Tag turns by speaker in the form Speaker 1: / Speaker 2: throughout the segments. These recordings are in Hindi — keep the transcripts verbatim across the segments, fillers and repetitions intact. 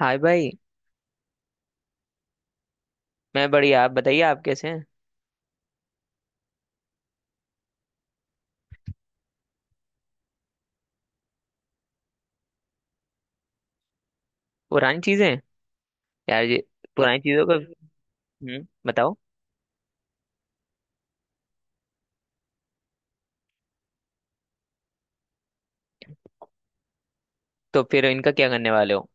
Speaker 1: हाय भाई। मैं बढ़िया, आप बताइए, आप कैसे हैं। पुरानी चीजें? यार ये पुरानी चीजों का। हम्म, बताओ। तो फिर इनका क्या करने वाले हो?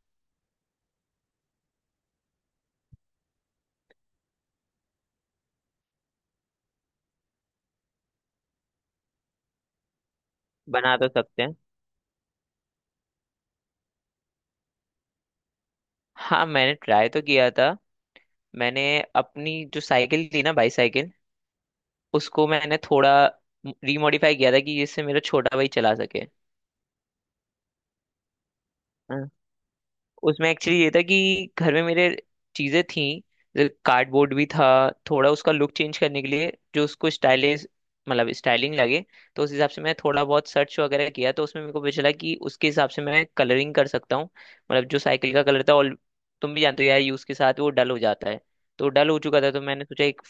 Speaker 1: बना तो सकते हैं। हाँ, मैंने ट्राई तो किया था। मैंने अपनी जो साइकिल थी ना, बाईसाइकिल, उसको मैंने थोड़ा रिमॉडिफाई किया था कि जिससे मेरा छोटा भाई चला सके। उसमें एक्चुअली ये था कि घर में मेरे चीजें थी, कार्डबोर्ड भी था। थोड़ा उसका लुक चेंज करने के लिए जो उसको स्टाइलिश, मतलब स्टाइलिंग लगे, तो उस हिसाब से मैं थोड़ा बहुत सर्च वगैरह किया, तो उसमें मेरे को पता चला कि उसके हिसाब से मैं कलरिंग कर सकता हूँ। मतलब जो साइकिल का कलर था, और तुम भी जानते हो यार यूज के साथ वो डल हो जाता है। तो डल हो चुका था, तो मैंने सोचा एक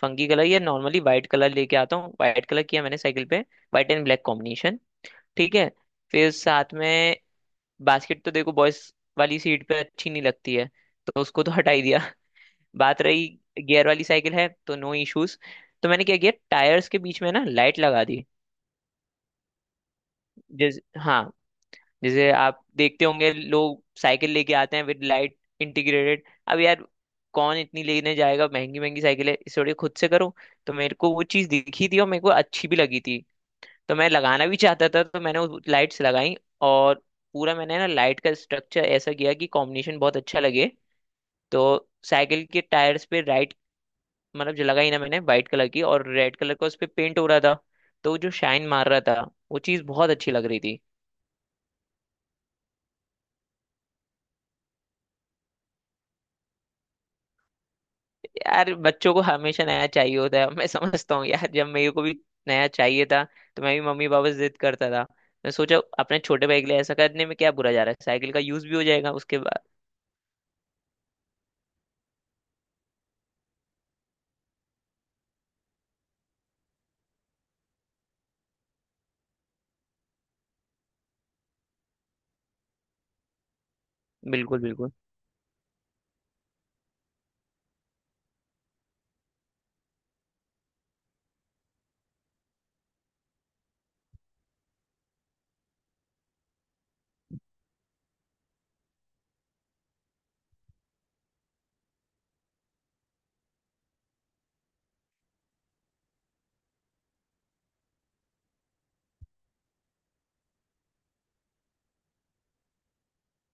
Speaker 1: फंकी कलर या नॉर्मली वाइट कलर लेके आता हूँ। वाइट कलर किया मैंने साइकिल पे। White and black combination. ठीक है, फिर साथ में बास्केट, तो देखो बॉयज वाली सीट पे अच्छी नहीं लगती है, तो उसको तो हटा ही दिया। बात रही, गियर वाली साइकिल है तो नो इश्यूज। तो मैंने क्या किया, टायर्स के बीच में ना लाइट लगा दी। जैसे, हाँ, जैसे आप देखते होंगे लोग साइकिल लेके आते हैं विद लाइट इंटीग्रेटेड। अब यार कौन इतनी लेने जाएगा, महंगी महंगी साइकिल है इस, थोड़ी खुद से करो। तो मेरे को वो चीज़ दिखी थी और मेरे को अच्छी भी लगी थी, तो मैं लगाना भी चाहता था, तो मैंने लाइट्स लगाई। और पूरा मैंने ना लाइट का स्ट्रक्चर ऐसा किया कि कॉम्बिनेशन बहुत अच्छा लगे। तो साइकिल के टायर्स पे राइट, मतलब जो लगाई ना मैंने वाइट कलर की, और रेड कलर का उस पे पेंट हो रहा था, तो वो जो शाइन मार रहा था, वो चीज बहुत अच्छी लग रही थी। यार, बच्चों को हमेशा नया चाहिए होता है। मैं समझता हूँ यार, जब मेरे को भी नया चाहिए था तो मैं भी मम्मी पापा से जिद करता था। मैं सोचा अपने छोटे भाई के लिए ऐसा करने में क्या बुरा जा रहा है, साइकिल का यूज भी हो जाएगा उसके बाद। बिल्कुल बिल्कुल।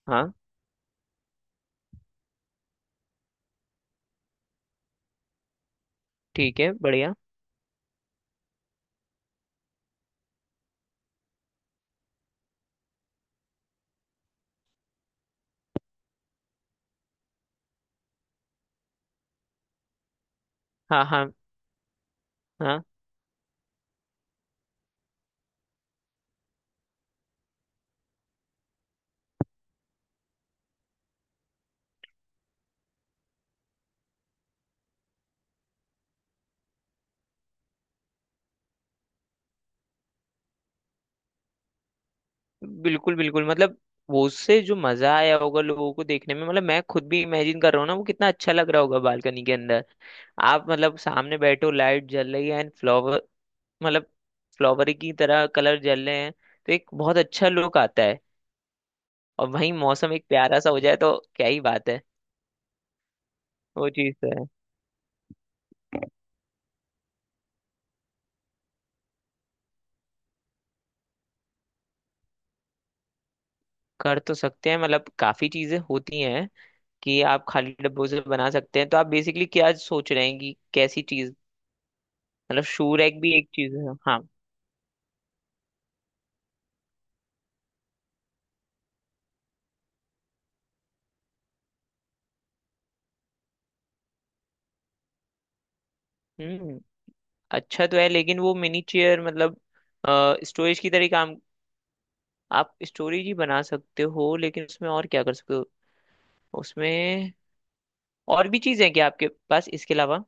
Speaker 1: हाँ। ठीक है, बढ़िया। हाँ हाँ। हाँ। बिल्कुल बिल्कुल। मतलब वो, उससे जो मजा आया होगा लोगों को देखने में, मतलब मैं खुद भी इमेजिन कर रहा हूँ ना वो कितना अच्छा लग रहा होगा बालकनी के अंदर। आप मतलब सामने बैठो, लाइट जल रही है एंड फ्लावर, मतलब फ्लावर की तरह कलर जल रहे हैं, तो एक बहुत अच्छा लुक आता है। और वहीं मौसम एक प्यारा सा हो जाए तो क्या ही बात है। वो चीज़ तो है। कर तो सकते हैं, मतलब काफी चीजें होती हैं कि आप खाली डब्बों से बना सकते हैं। तो आप बेसिकली क्या सोच रहे हैं कि कैसी चीज? मतलब शू रैक भी एक चीज है, हाँ। हम्म, अच्छा तो है, लेकिन वो मिनी चेयर, मतलब स्टोरेज की तरह काम। आप स्टोरेज ही बना सकते हो, लेकिन उसमें और क्या कर सकते हो? उसमें और भी चीजें हैं क्या आपके पास इसके अलावा?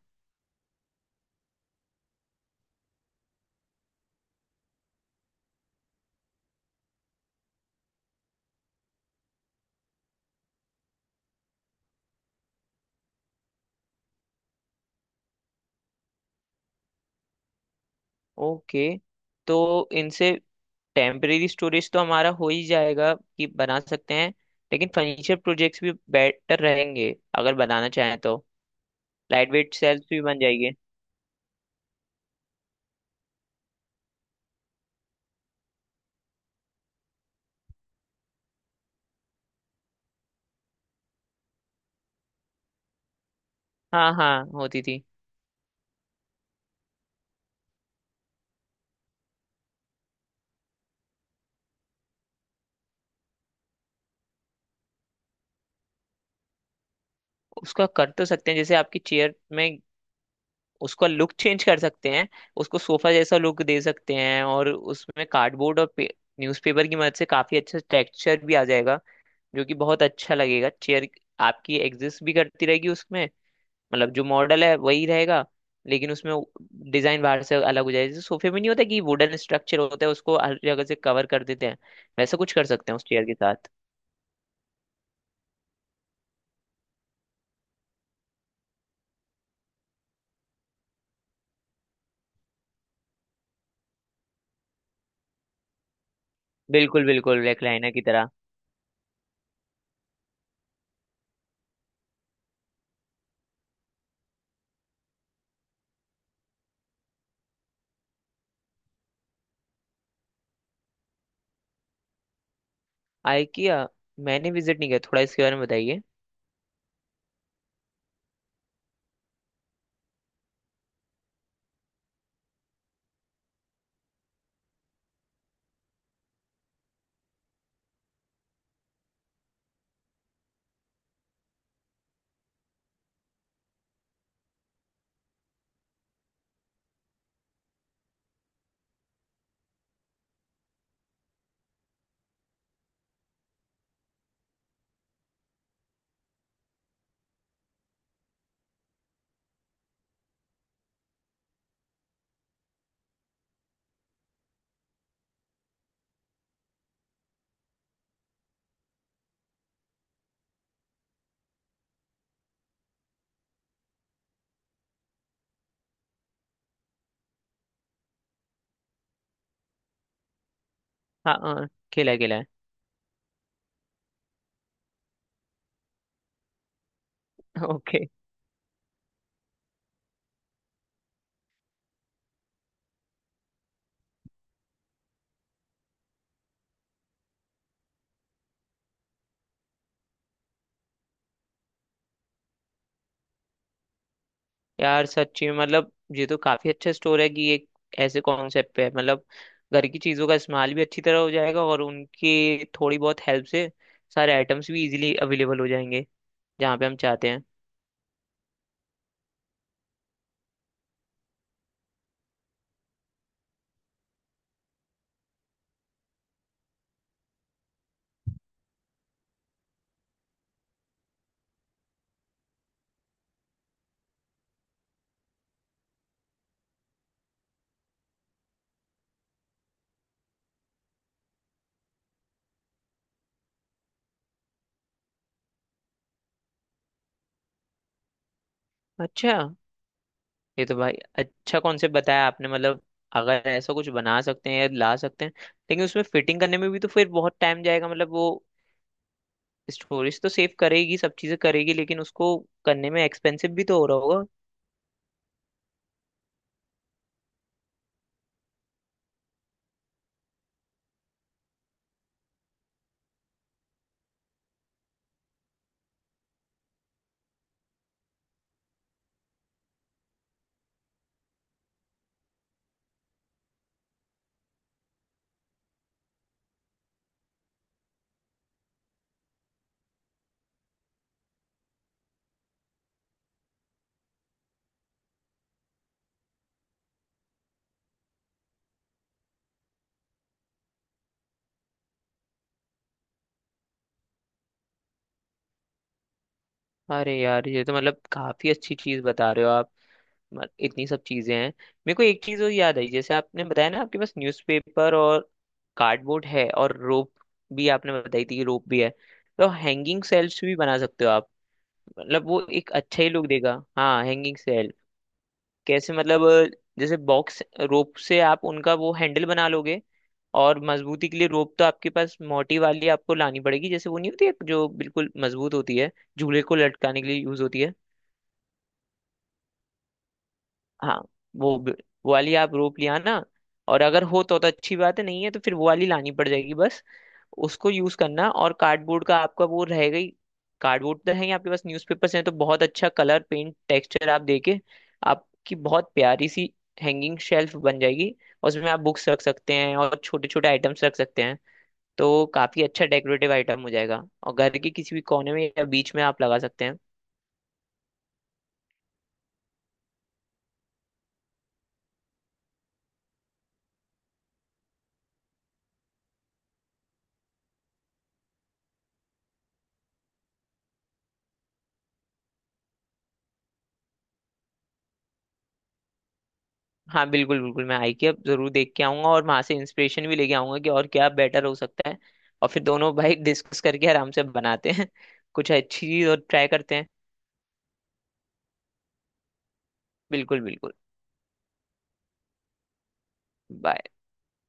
Speaker 1: ओके, तो इनसे टेम्परेरी स्टोरेज तो हमारा हो ही जाएगा कि बना सकते हैं। लेकिन फर्नीचर प्रोजेक्ट्स भी बेटर रहेंगे अगर बनाना चाहें तो। लाइट वेट सेल्स भी बन जाएंगे। हाँ हाँ, होती थी। उसका कर तो सकते हैं, जैसे आपकी चेयर में उसका लुक चेंज कर सकते हैं, उसको सोफा जैसा लुक दे सकते हैं, और उसमें कार्डबोर्ड और न्यूज़पेपर की मदद से काफी अच्छा टेक्सचर भी आ जाएगा, जो कि बहुत अच्छा लगेगा। चेयर आपकी एग्जिस्ट भी करती रहेगी उसमें, मतलब जो मॉडल है वही रहेगा, लेकिन उसमें डिजाइन बाहर से अलग हो जाएगा। जैसे सोफे में नहीं होता कि वुडन स्ट्रक्चर होता है, उसको हर जगह से कवर कर देते हैं, वैसा कुछ कर सकते हैं उस चेयर के साथ। बिल्कुल बिल्कुल, रेक्लाइनर की तरह। आइकिया? मैंने विजिट नहीं किया, थोड़ा इसके बारे में बताइए। हाँ हाँ, खेला है, खेला है। ओके। यार सच्ची में, मतलब ये तो काफी अच्छा स्टोर है कि ये ऐसे कॉन्सेप्ट पे है। मतलब घर की चीजों का इस्तेमाल भी अच्छी तरह हो जाएगा, और उनकी थोड़ी बहुत हेल्प से सारे आइटम्स भी इजीली अवेलेबल हो जाएंगे जहाँ पे हम चाहते हैं। अच्छा, ये तो भाई अच्छा कॉन्सेप्ट बताया आपने। मतलब अगर ऐसा कुछ बना सकते हैं या ला सकते हैं, लेकिन उसमें फिटिंग करने में भी तो फिर बहुत टाइम जाएगा। मतलब वो स्टोरेज तो सेव करेगी, सब चीजें करेगी, लेकिन उसको करने में एक्सपेंसिव भी तो हो रहा होगा। अरे यार, ये तो मतलब काफी अच्छी चीज बता रहे हो आप। मत- इतनी सब चीजें हैं। मेरे को एक चीज और याद आई, जैसे आपने बताया ना आपके पास न्यूज़पेपर और कार्डबोर्ड है, और रोप भी आपने बताई थी कि रोप भी है। तो हैंगिंग सेल्स भी बना सकते हो आप, मतलब वो एक अच्छा ही लुक देगा। हाँ, हैंगिंग सेल। कैसे? मतलब अ, जैसे बॉक्स रोप से आप उनका वो हैंडल बना लोगे। और मजबूती के लिए रोप तो आपके पास मोटी वाली आपको लानी पड़ेगी, जैसे वो नहीं होती है जो बिल्कुल मजबूत होती है, झूले को लटकाने के लिए यूज होती है। हाँ, वो ब- वो वाली आप रोप ले आना। और अगर हो तो, तो अच्छी बात है, नहीं है तो फिर वो वाली लानी पड़ जाएगी बस। उसको यूज करना और कार्डबोर्ड का आपका वो रहेगा ही, कार्डबोर्ड तो है ही आपके पास, न्यूज़पेपर्स हैं, तो बहुत अच्छा कलर पेंट टेक्सचर आप देके आपकी बहुत प्यारी सी हैंगिंग शेल्फ बन जाएगी। और उसमें आप बुक्स रख सकते हैं और छोटे छोटे आइटम्स रख सकते हैं। तो काफी अच्छा डेकोरेटिव आइटम हो जाएगा और घर के किसी भी कोने में या बीच में आप लगा सकते हैं। हाँ बिल्कुल बिल्कुल, मैं आई की अब जरूर देख के आऊंगा और वहां से इंस्पिरेशन भी लेके आऊंगा कि और क्या बेटर हो सकता है। और फिर दोनों भाई डिस्कस करके आराम से बनाते हैं कुछ अच्छी चीज और ट्राई करते हैं। बिल्कुल बिल्कुल। Bye.